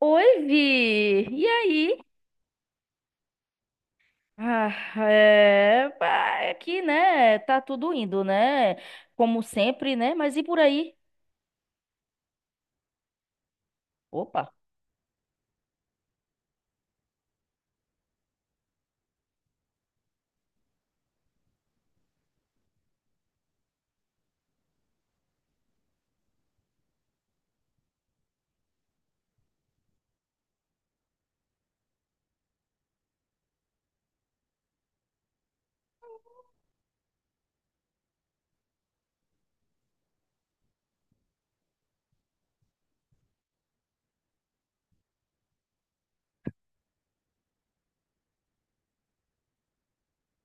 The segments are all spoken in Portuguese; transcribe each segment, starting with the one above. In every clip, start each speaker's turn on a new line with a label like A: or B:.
A: Oi, Vi! E aí? Ah, é, pá, é que, né? Tá tudo indo, né? Como sempre, né? Mas e por aí? Opa!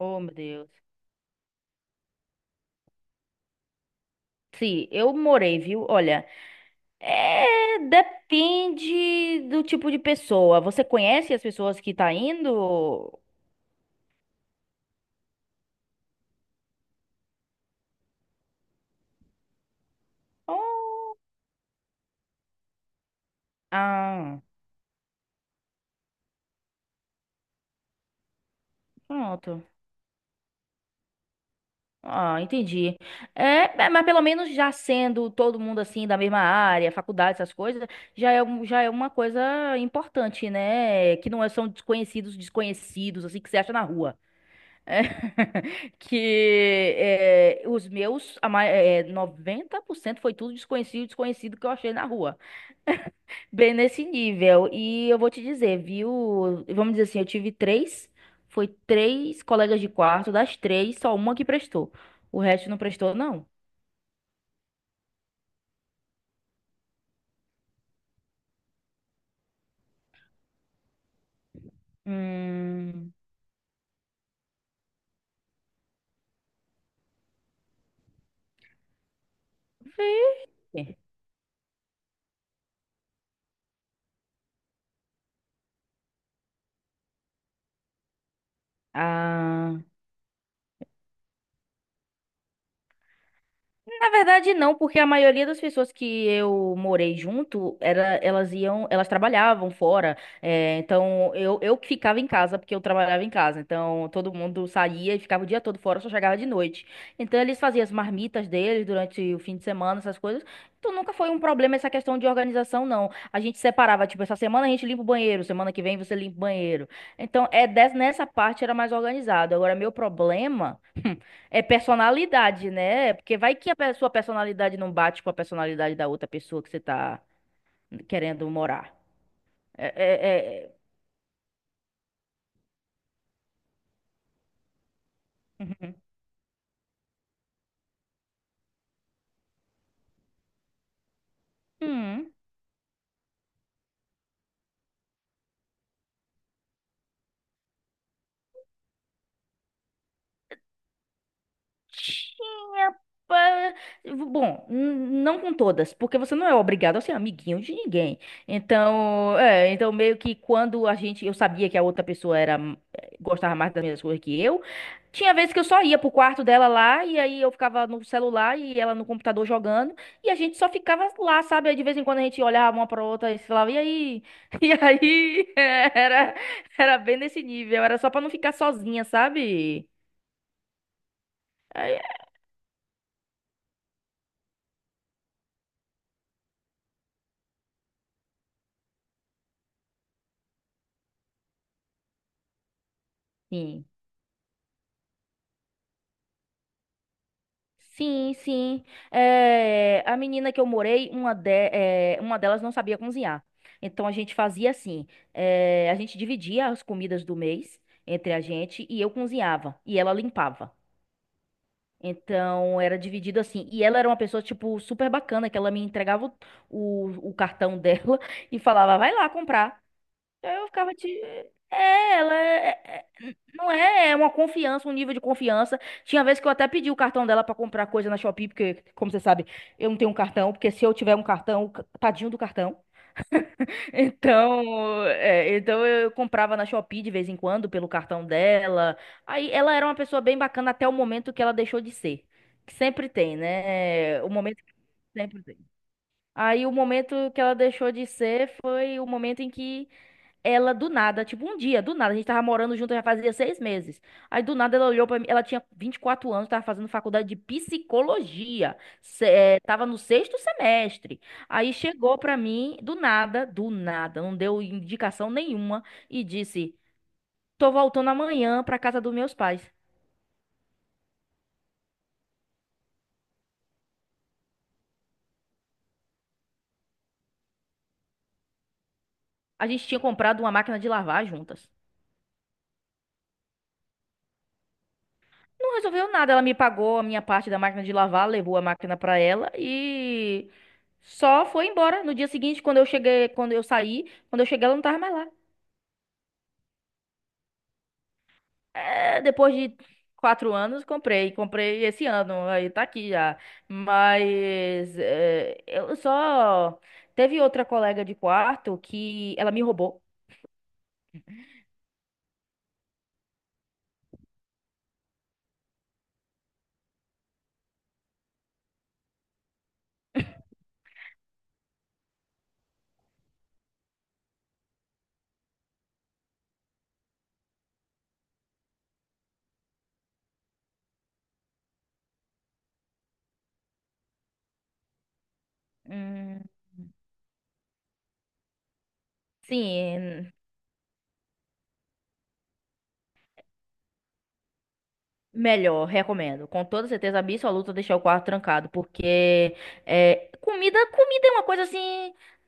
A: Oh, meu Deus. Sim, eu morei, viu? Olha, é, depende do tipo de pessoa. Você conhece as pessoas que tá indo? Oh, ah, pronto. Ah, entendi. É, mas pelo menos já sendo todo mundo assim da mesma área, faculdade, essas coisas, já é uma coisa importante, né? Que não é- são desconhecidos, desconhecidos, assim, que você acha na rua. Que é, os meus, 90% foi tudo desconhecido, desconhecido que eu achei na rua. Bem nesse nível. E eu vou te dizer, viu? Vamos dizer assim, foi três colegas de quarto, das três, só uma que prestou. O resto não prestou, não. Hum, verde. Ah, na verdade, não, porque a maioria das pessoas que eu morei junto, era, elas iam, elas trabalhavam fora. Então, eu que ficava em casa, porque eu trabalhava em casa. Então, todo mundo saía e ficava o dia todo fora, só chegava de noite. Então, eles faziam as marmitas deles durante o fim de semana, essas coisas. Então, nunca foi um problema essa questão de organização, não. A gente separava, tipo, essa semana a gente limpa o banheiro, semana que vem você limpa o banheiro. Então, nessa parte era mais organizado. Agora, meu problema. É personalidade, né? Porque vai que sua personalidade não bate com a personalidade da outra pessoa que você tá querendo morar. É, é, é. Uhum. Hum. Pa- Bom, não com todas, porque você não é obrigado a ser amiguinho de ninguém. Então, então meio que quando a gente, eu sabia que a outra pessoa era gostava mais das mesmas coisas que eu. Tinha vezes que eu só ia pro quarto dela lá, e aí eu ficava no celular e ela no computador jogando, e a gente só ficava lá, sabe? Aí de vez em quando a gente olhava uma pra outra e falava, e aí? E aí? Era, era bem nesse nível, era só pra não ficar sozinha, sabe? Aí, sim, sim, sim. A menina que eu morei, uma, uma delas não sabia cozinhar. Então a gente fazia assim: a gente dividia as comidas do mês entre a gente e eu cozinhava e ela limpava. Então era dividido assim. E ela era uma pessoa, tipo, super bacana, que ela me entregava o cartão dela e falava, vai lá comprar. Aí eu ficava, de, é, ela é, não é, é uma confiança, um nível de confiança. Tinha vez que eu até pedi o cartão dela pra comprar coisa na Shopee, porque, como você sabe, eu não tenho um cartão, porque se eu tiver um cartão, tadinho do cartão. Então, então eu comprava na Shopee de vez em quando pelo cartão dela. Aí ela era uma pessoa bem bacana até o momento que ela deixou de ser. Que sempre tem, né? O momento que sempre tem. Aí o momento que ela deixou de ser foi o momento em que ela do nada, tipo um dia, do nada, a gente tava morando junto já fazia seis meses. Aí do nada ela olhou pra mim, ela tinha 24 anos, tava fazendo faculdade de psicologia, tava no sexto semestre. Aí chegou pra mim, do nada, não deu indicação nenhuma e disse: tô voltando amanhã pra casa dos meus pais. A gente tinha comprado uma máquina de lavar juntas. Não resolveu nada. Ela me pagou a minha parte da máquina de lavar, levou a máquina pra ela e só foi embora. No dia seguinte, quando eu cheguei, ela não tava mais lá. É, depois de quatro anos, comprei. Comprei esse ano. Aí tá aqui já. Mas é, eu só. Teve outra colega de quarto que ela me roubou. Hum, sim. Melhor, recomendo. Com toda certeza absoluta deixar o quarto trancado, porque comida, comida é uma coisa assim,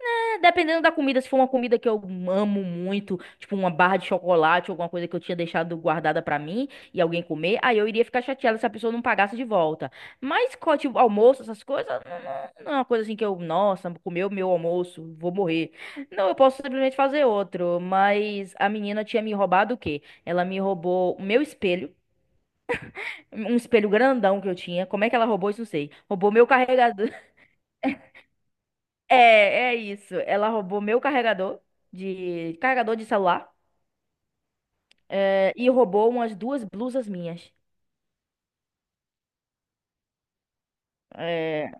A: né, dependendo da comida, se for uma comida que eu amo muito, tipo uma barra de chocolate, alguma coisa que eu tinha deixado guardada pra mim e alguém comer, aí eu iria ficar chateada se a pessoa não pagasse de volta. Mas tipo, almoço, essas coisas, não, não é uma coisa assim que eu, nossa, comeu meu almoço, vou morrer. Não, eu posso simplesmente fazer outro, mas a menina tinha me roubado o quê? Ela me roubou o meu espelho, um espelho grandão que eu tinha. Como é que ela roubou isso? Não sei. Roubou meu carregador. É, é isso. Ela roubou meu carregador, de carregador de celular, e roubou umas duas blusas minhas. É,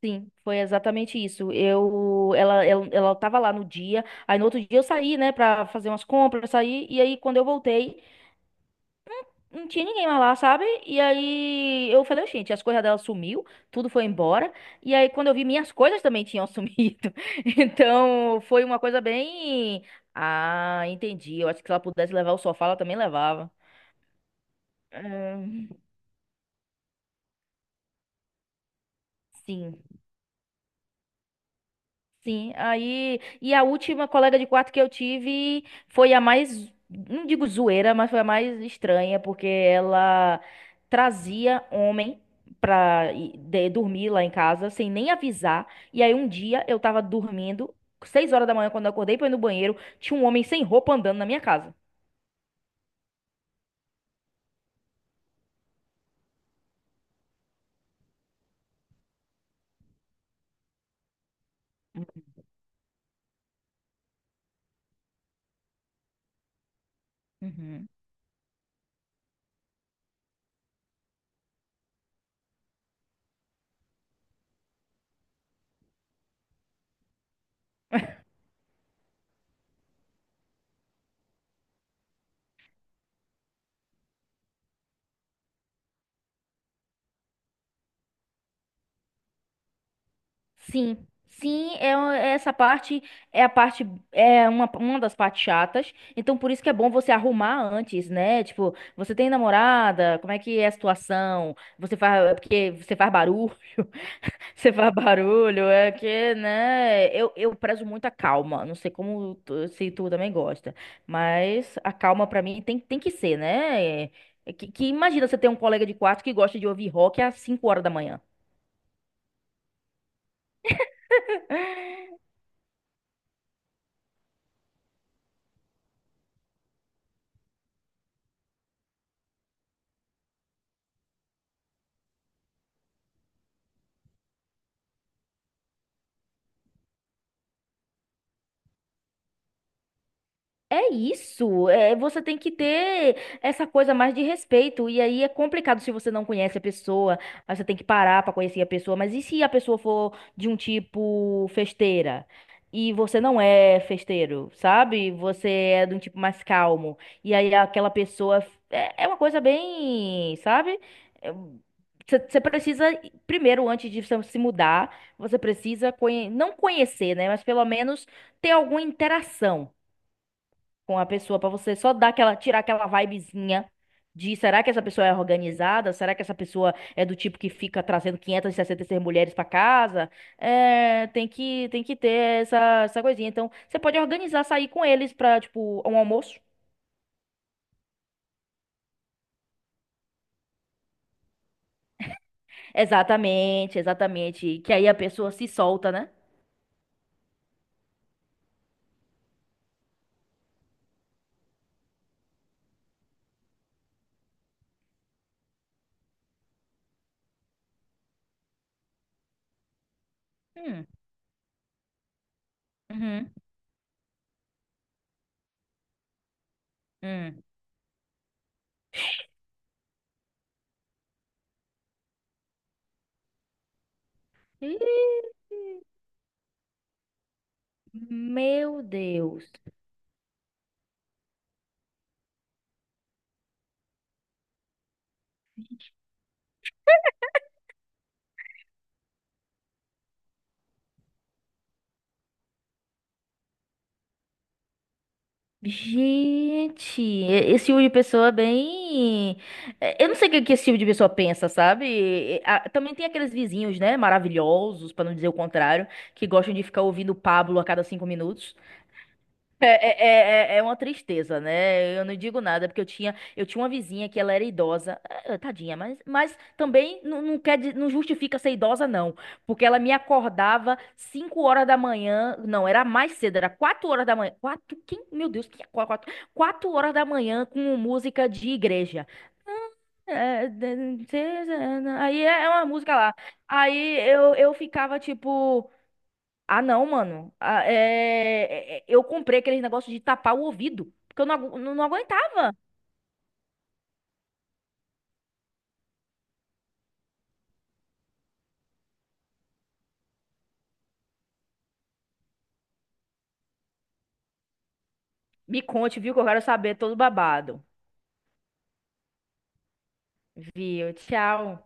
A: sim, foi exatamente isso. Ela tava lá no dia. Aí no outro dia eu saí, né, pra fazer umas compras, saí. E aí quando eu voltei, não tinha ninguém mais lá, sabe? E aí eu falei, gente, as coisas dela sumiu, tudo foi embora. E aí quando eu vi, minhas coisas também tinham sumido. Então foi uma coisa bem. Ah, entendi. Eu acho que se ela pudesse levar o sofá, ela também levava. Ahn, sim. Sim, aí. E a última colega de quarto que eu tive foi a mais. Não digo zoeira, mas foi a mais estranha, porque ela trazia homem pra dormir lá em casa, sem nem avisar. E aí um dia eu tava dormindo, seis horas da manhã, quando eu acordei pra ir no banheiro, tinha um homem sem roupa andando na minha casa. Uhum. Sim, sim, é essa parte, é a parte, é uma das partes chatas. Então por isso que é bom você arrumar antes, né? Tipo, você tem namorada, como é que é a situação? Você faz é porque você faz barulho, você faz barulho, é que, né? Eu prezo muito a calma. Não sei como se tu também gosta, mas a calma pra mim tem que ser, né? É, que imagina você ter um colega de quarto que gosta de ouvir rock às 5 horas da manhã. É isso, é, você tem que ter essa coisa mais de respeito. E aí é complicado se você não conhece a pessoa, aí você tem que parar pra conhecer a pessoa. Mas e se a pessoa for de um tipo festeira? E você não é festeiro, sabe? Você é de um tipo mais calmo. E aí aquela pessoa. É, é uma coisa bem, sabe? É, você precisa, primeiro, antes de você se mudar, você precisa não conhecer, né? Mas pelo menos ter alguma interação com a pessoa pra você só dar aquela, tirar aquela vibezinha de: será que essa pessoa é organizada? Será que essa pessoa é do tipo que fica trazendo 566 mulheres pra casa? É, tem que ter essa coisinha. Então, você pode organizar sair com eles pra, tipo, um almoço. Exatamente, exatamente, que aí a pessoa se solta, né? Hum, uhum, hum. Ih, meu Deus. Gente, esse tipo de pessoa é bem. Eu não sei o que que esse tipo de pessoa pensa, sabe? Também tem aqueles vizinhos, né? Maravilhosos, pra não dizer o contrário, que gostam de ficar ouvindo o Pablo a cada cinco minutos. É, é, uma tristeza, né? Eu não digo nada, porque eu tinha uma vizinha que ela era idosa. Ah, tadinha, mas, também não, não quer, não justifica ser idosa, não. Porque ela me acordava 5 horas da manhã. Não, era mais cedo, era 4 horas da manhã. Quatro, quem? Meu Deus, que quatro, quatro horas da manhã com música de igreja. É, aí é uma música lá. Aí eu ficava tipo. Ah, não, mano. Ah, eu comprei aqueles negócio de tapar o ouvido, porque eu não, não, não aguentava. Me conte, viu, que eu quero saber todo babado. Viu? Tchau.